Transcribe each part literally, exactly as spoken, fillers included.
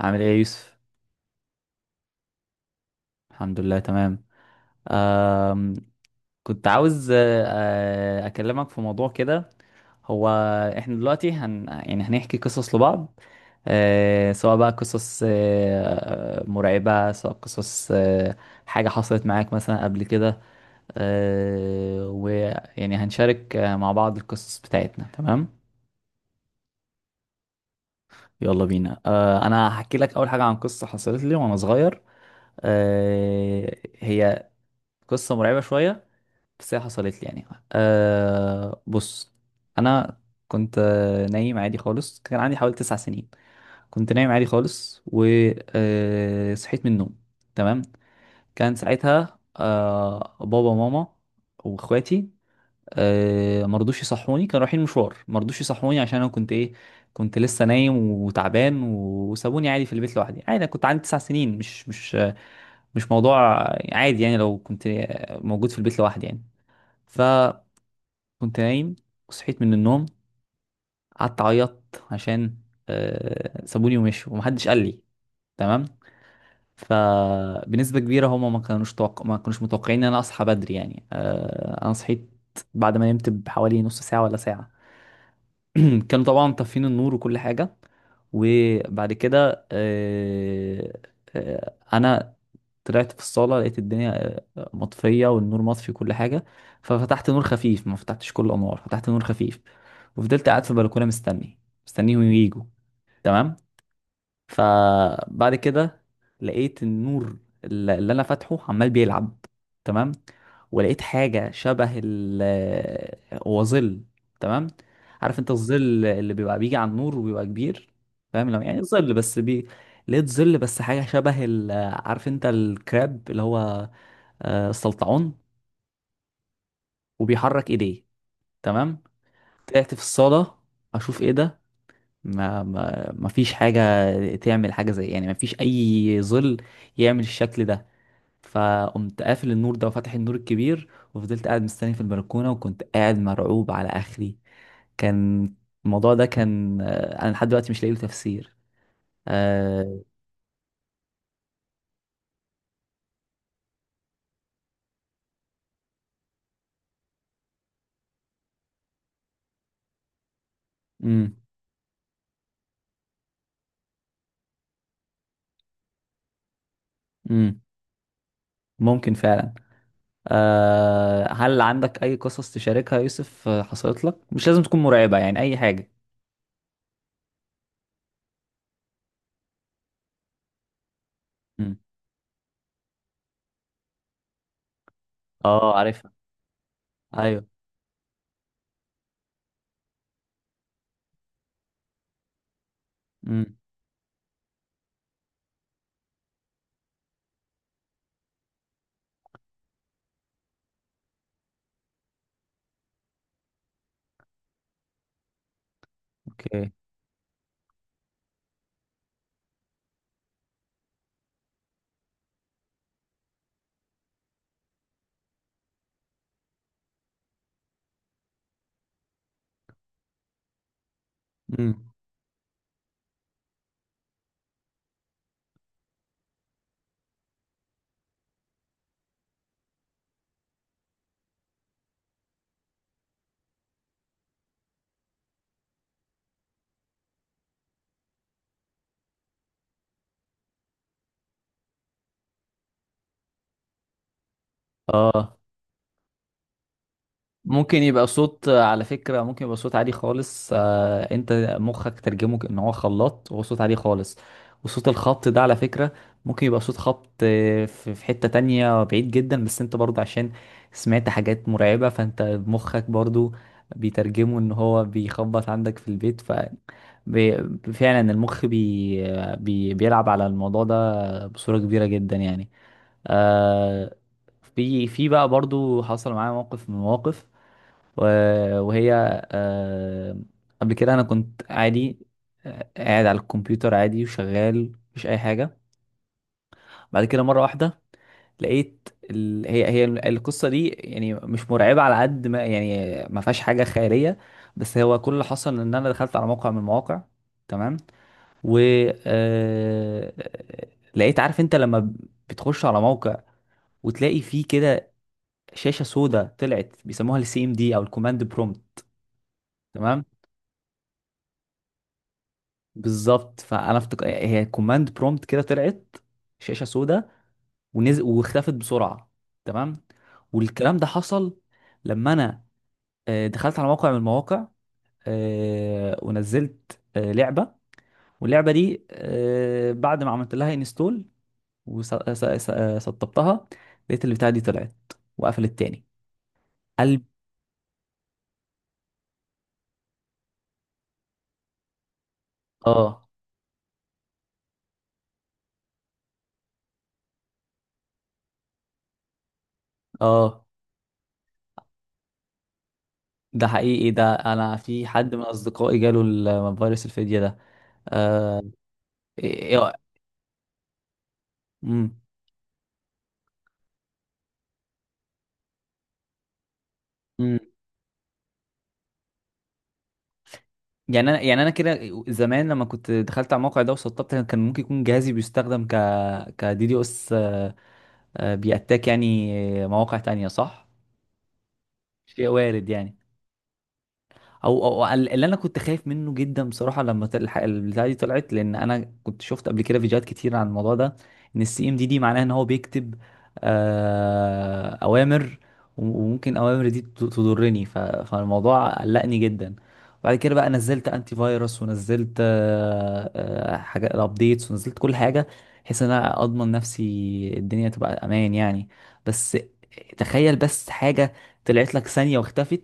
عامل ايه يا يوسف؟ الحمد لله تمام. آم، كنت عاوز آه، آه، اكلمك في موضوع كده. هو احنا دلوقتي هن يعني هنحكي قصص لبعض، آه، سواء بقى قصص آه، آه، مرعبة، سواء قصص آه، حاجة حصلت معاك مثلا قبل كده، آه، ويعني هنشارك آه، مع بعض القصص بتاعتنا. تمام. يلا بينا. آه، انا هحكي لك اول حاجة عن قصة حصلت لي وانا صغير. آه، هي قصة مرعبة شوية، بس هي حصلت لي يعني. أه بص، انا كنت آه، نايم عادي خالص، كان عندي حوالي تسع سنين. كنت نايم عادي خالص وصحيت من النوم. تمام. كان ساعتها أه بابا وماما واخواتي أه مرضوش يصحوني، كانوا رايحين مشوار، مرضوش يصحوني عشان انا كنت ايه، كنت لسه نايم وتعبان، وسابوني عادي في البيت لوحدي. عادي، انا كنت عندي تسع سنين، مش مش مش موضوع، عادي يعني لو كنت موجود في البيت لوحدي يعني، ف كنت نايم وصحيت من النوم، قعدت اعيط عشان آه، سابوني ومشوا ومحدش قال لي. تمام. فبنسبة كبيرة هما ما كانوش توق... ما كانوش متوقعين ان انا اصحى بدري يعني. آه، انا صحيت بعد ما نمت بحوالي نص ساعة ولا ساعة. كانوا طبعا طافين النور وكل حاجة. وبعد كده آه، آه، انا طلعت في الصالة، لقيت الدنيا آه، مطفية، والنور مطفي كل حاجة. ففتحت نور خفيف، ما فتحتش كل الأنوار، فتحت نور خفيف وفضلت قاعد في البلكونة مستني، مستنيهم ييجوا. تمام. فبعد كده لقيت النور اللي اللي انا فاتحه عمال بيلعب. تمام. ولقيت حاجه شبه ال، هو ظل. تمام. عارف انت الظل اللي بيبقى بيجي على النور وبيبقى كبير، فاهم؟ لو يعني ظل بس بي لقيت ظل، بس حاجه شبه ال... عارف انت الكراب اللي هو آه، السلطعون، وبيحرك ايديه. تمام. طلعت في الصاله اشوف ايه ده، ما ما ما فيش حاجة تعمل حاجة زي، يعني ما فيش أي ظل يعمل الشكل ده. فقمت قافل النور ده وفتح النور الكبير، وفضلت قاعد مستني في البلكونة، وكنت قاعد مرعوب على آخري. كان الموضوع ده كان، آه، أنا لحد دلوقتي مش لاقي له تفسير. آه... مم. مم. ممكن فعلا. آه... هل عندك أي قصص تشاركها يا يوسف، آه، حصلت لك؟ مش لازم تكون مرعبة، يعني أي حاجة. مم. اه، عارفها. أيوه. مم. أوكي. مم. اه، ممكن يبقى صوت، آه، على فكرة ممكن يبقى صوت عالي خالص، آه، انت مخك ترجمه ان هو خلاط، وهو صوت عالي خالص. وصوت الخبط ده على فكرة ممكن يبقى صوت خبط آه، في في حتة تانية بعيد جدا، بس انت برضه عشان سمعت حاجات مرعبة، فانت مخك برضه بيترجمه ان هو بيخبط عندك في البيت. ف بي- فعلا المخ بي بي بيلعب على الموضوع ده بصورة كبيرة جدا يعني. آه، في في بقى برضو حصل معايا موقف من المواقف. و- وهي آه، قبل كده انا كنت عادي، آه، قاعد على الكمبيوتر عادي وشغال، مفيش اي حاجه. بعد كده مره واحده لقيت ال... هي هي القصه دي يعني مش مرعبه على قد ما، يعني ما فيهاش حاجه خياليه، بس هو كل اللي حصل ان انا دخلت على موقع من المواقع. تمام. و آه، لقيت، عارف انت لما بتخش على موقع وتلاقي فيه كده شاشه سوداء طلعت، بيسموها السي ام دي او الكوماند برومبت. تمام. بالظبط، فانا افتكر هي كوماند برومبت كده طلعت، شاشه سوداء ونزل، واختفت بسرعه. تمام. والكلام ده حصل لما انا آه، دخلت على موقع من المواقع، آه، ونزلت آه، لعبه، واللعبه دي آه، بعد ما عملت لها انستول وسطبتها، لقيت البتاعه دي طلعت وقفلت تاني. قلب. اه، اه، ده حقيقي، ده انا في حد من اصدقائي جاله الفيروس الفدية ده. آه... إيه... إيه... مم. مم. يعني انا، يعني انا كده زمان، لما كنت دخلت على الموقع ده وسطبت، كان ممكن يكون جهازي بيستخدم ك كدي دي اس، آه، آه، بيأتاك يعني مواقع تانية، صح؟ شيء وارد يعني. او او أو اللي انا كنت خايف منه جدا بصراحه لما تل- الح- البتاعه دي طلعت، لان انا كنت شفت قبل كده فيديوهات كتير عن الموضوع ده، ان السي ام دي دي معناها ان هو بيكتب آه اوامر، وم- وممكن اوامر دي ت- تضرني، ف- فالموضوع قلقني جدا. بعد كده بقى نزلت انتي فيروس، ونزلت آه آه حاجات الابديتس، ونزلت كل حاجه بحيث ان انا اضمن نفسي الدنيا تبقى امان يعني. بس تخيل بس حاجه طلعت لك ثانيه واختفت،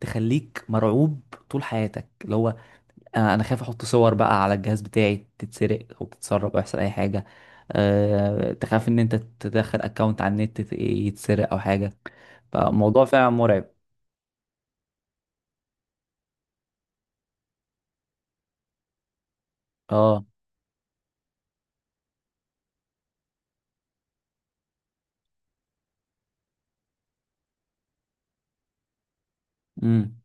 تخليك مرعوب طول حياتك. اللي هو آه، انا خايف احط صور بقى على الجهاز بتاعي تتسرق او تتسرب، او يحصل اي حاجه. أه، تخاف ان انت تدخل اكونت على النت تت- يتسرق او حاجه. فالموضوع فعلا مرعب. اه، امم،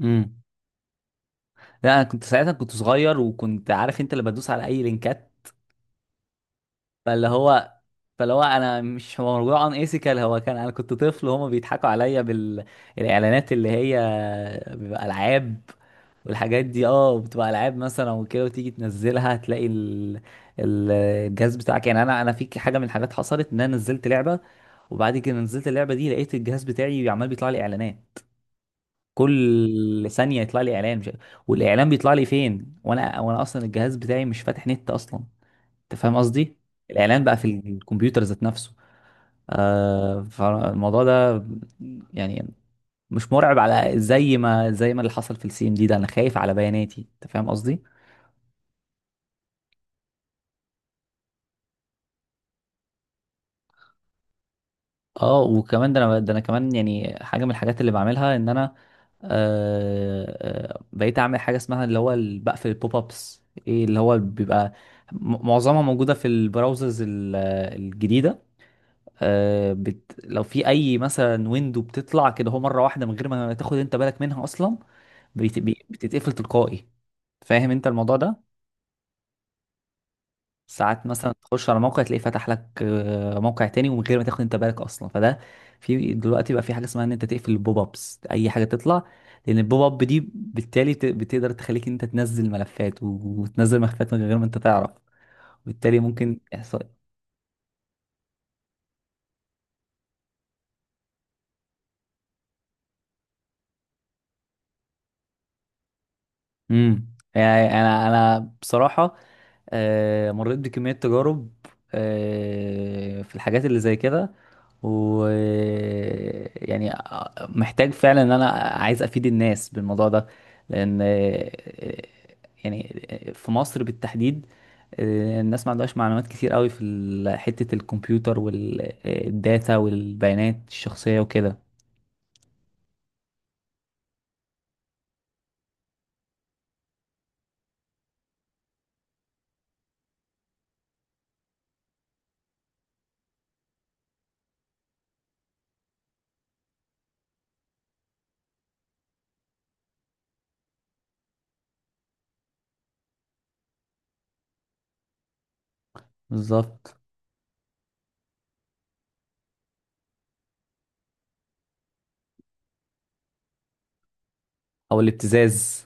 امم. لا، انا كنت ساعتها كنت صغير، وكنت عارف انت اللي بدوس على اي لينكات. فاللي هو فاللي هو انا، مش هو موضوع ان ايثيكال، هو كان انا كنت طفل، وهما بيضحكوا عليا بالاعلانات اللي هي بيبقى العاب، والحاجات دي، اه، بتبقى العاب مثلا وكده، وتيجي تنزلها تلاقي ال... ال- الجهاز بتاعك. يعني انا، انا في حاجه من الحاجات حصلت، ان انا نزلت لعبه، وبعد كده نزلت اللعبه دي لقيت الجهاز بتاعي عمال بيطلع لي اعلانات، كل ثانيه يطلع لي اعلان، مش... والاعلان بيطلع لي فين، وانا، وانا اصلا الجهاز بتاعي مش فاتح نت اصلا، انت فاهم قصدي؟ الاعلان بقى في الكمبيوتر ذات نفسه. آه فالموضوع ده يعني مش مرعب على زي ما زي ما اللي حصل في السي ام دي ده، انا خايف على بياناتي، انت فاهم قصدي؟ اه، وكمان، ده انا، ده انا كمان يعني حاجه من الحاجات اللي بعملها، ان انا آه آه، بقيت اعمل حاجه اسمها اللي هو ال- بقفل البوب ابس، ايه اللي هو بيبقى، م- معظمها موجوده في البراوزرز ال- الجديده. آه بت... لو في اي مثلا ويندو بتطلع كده هو مره واحده من غير ما تاخد انت بالك منها اصلا، بت... بي- بتتقفل تلقائي، فاهم انت الموضوع ده؟ ساعات مثلا تخش على موقع تلاقيه فتح لك آه، موقع تاني، ومن غير ما تاخد انت بالك اصلا، فده في دلوقتي بقى في حاجه اسمها ان انت تقفل البوب ابس اي حاجه تطلع، لان البوب اب دي بالتالي بت- بتقدر تخليك انت تنزل ملفات، و- وتنزل ملفات من غير ما انت تعرف، وبالتالي ممكن يحصل. امم. يعني انا، انا بصراحه آه، مريت بكمية تجارب آه، في الحاجات اللي زي كده، و يعني آه، محتاج فعلا ان انا عايز افيد الناس بالموضوع ده، لان آه، يعني آه، في مصر بالتحديد آه، الناس ما عندهاش معلومات كتير قوي في ال- حتة الكمبيوتر والداتا والبيانات الشخصية وكده. بالظبط، او الابتزاز.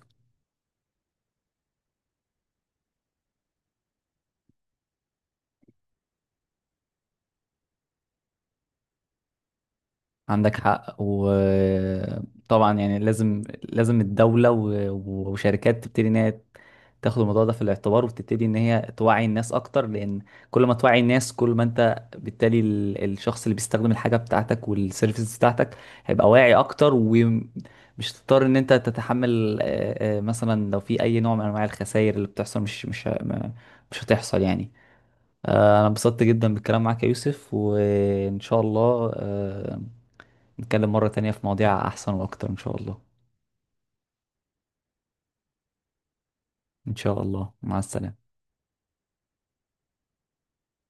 عندك حق، وطبعا يعني لازم لازم الدولة و- وشركات تبتدي ان هي تاخد الموضوع ده في الاعتبار، وتبتدي ان هي توعي الناس اكتر، لان كل ما توعي الناس كل ما انت بالتالي ال- الشخص اللي بيستخدم الحاجة بتاعتك والسيرفيس بتاعتك هيبقى واعي اكتر، ومش تضطر ان انت تتحمل، آه، آه، مثلا لو في اي نوع من انواع الخسائر اللي بتحصل مش مش ه- ما- مش هتحصل يعني. آه، انا انبسطت جدا بالكلام معاك يا يوسف، وان شاء الله آه، نتكلم مرة تانية في مواضيع أحسن وأكتر إن شاء الله. إن شاء الله، مع السلامة.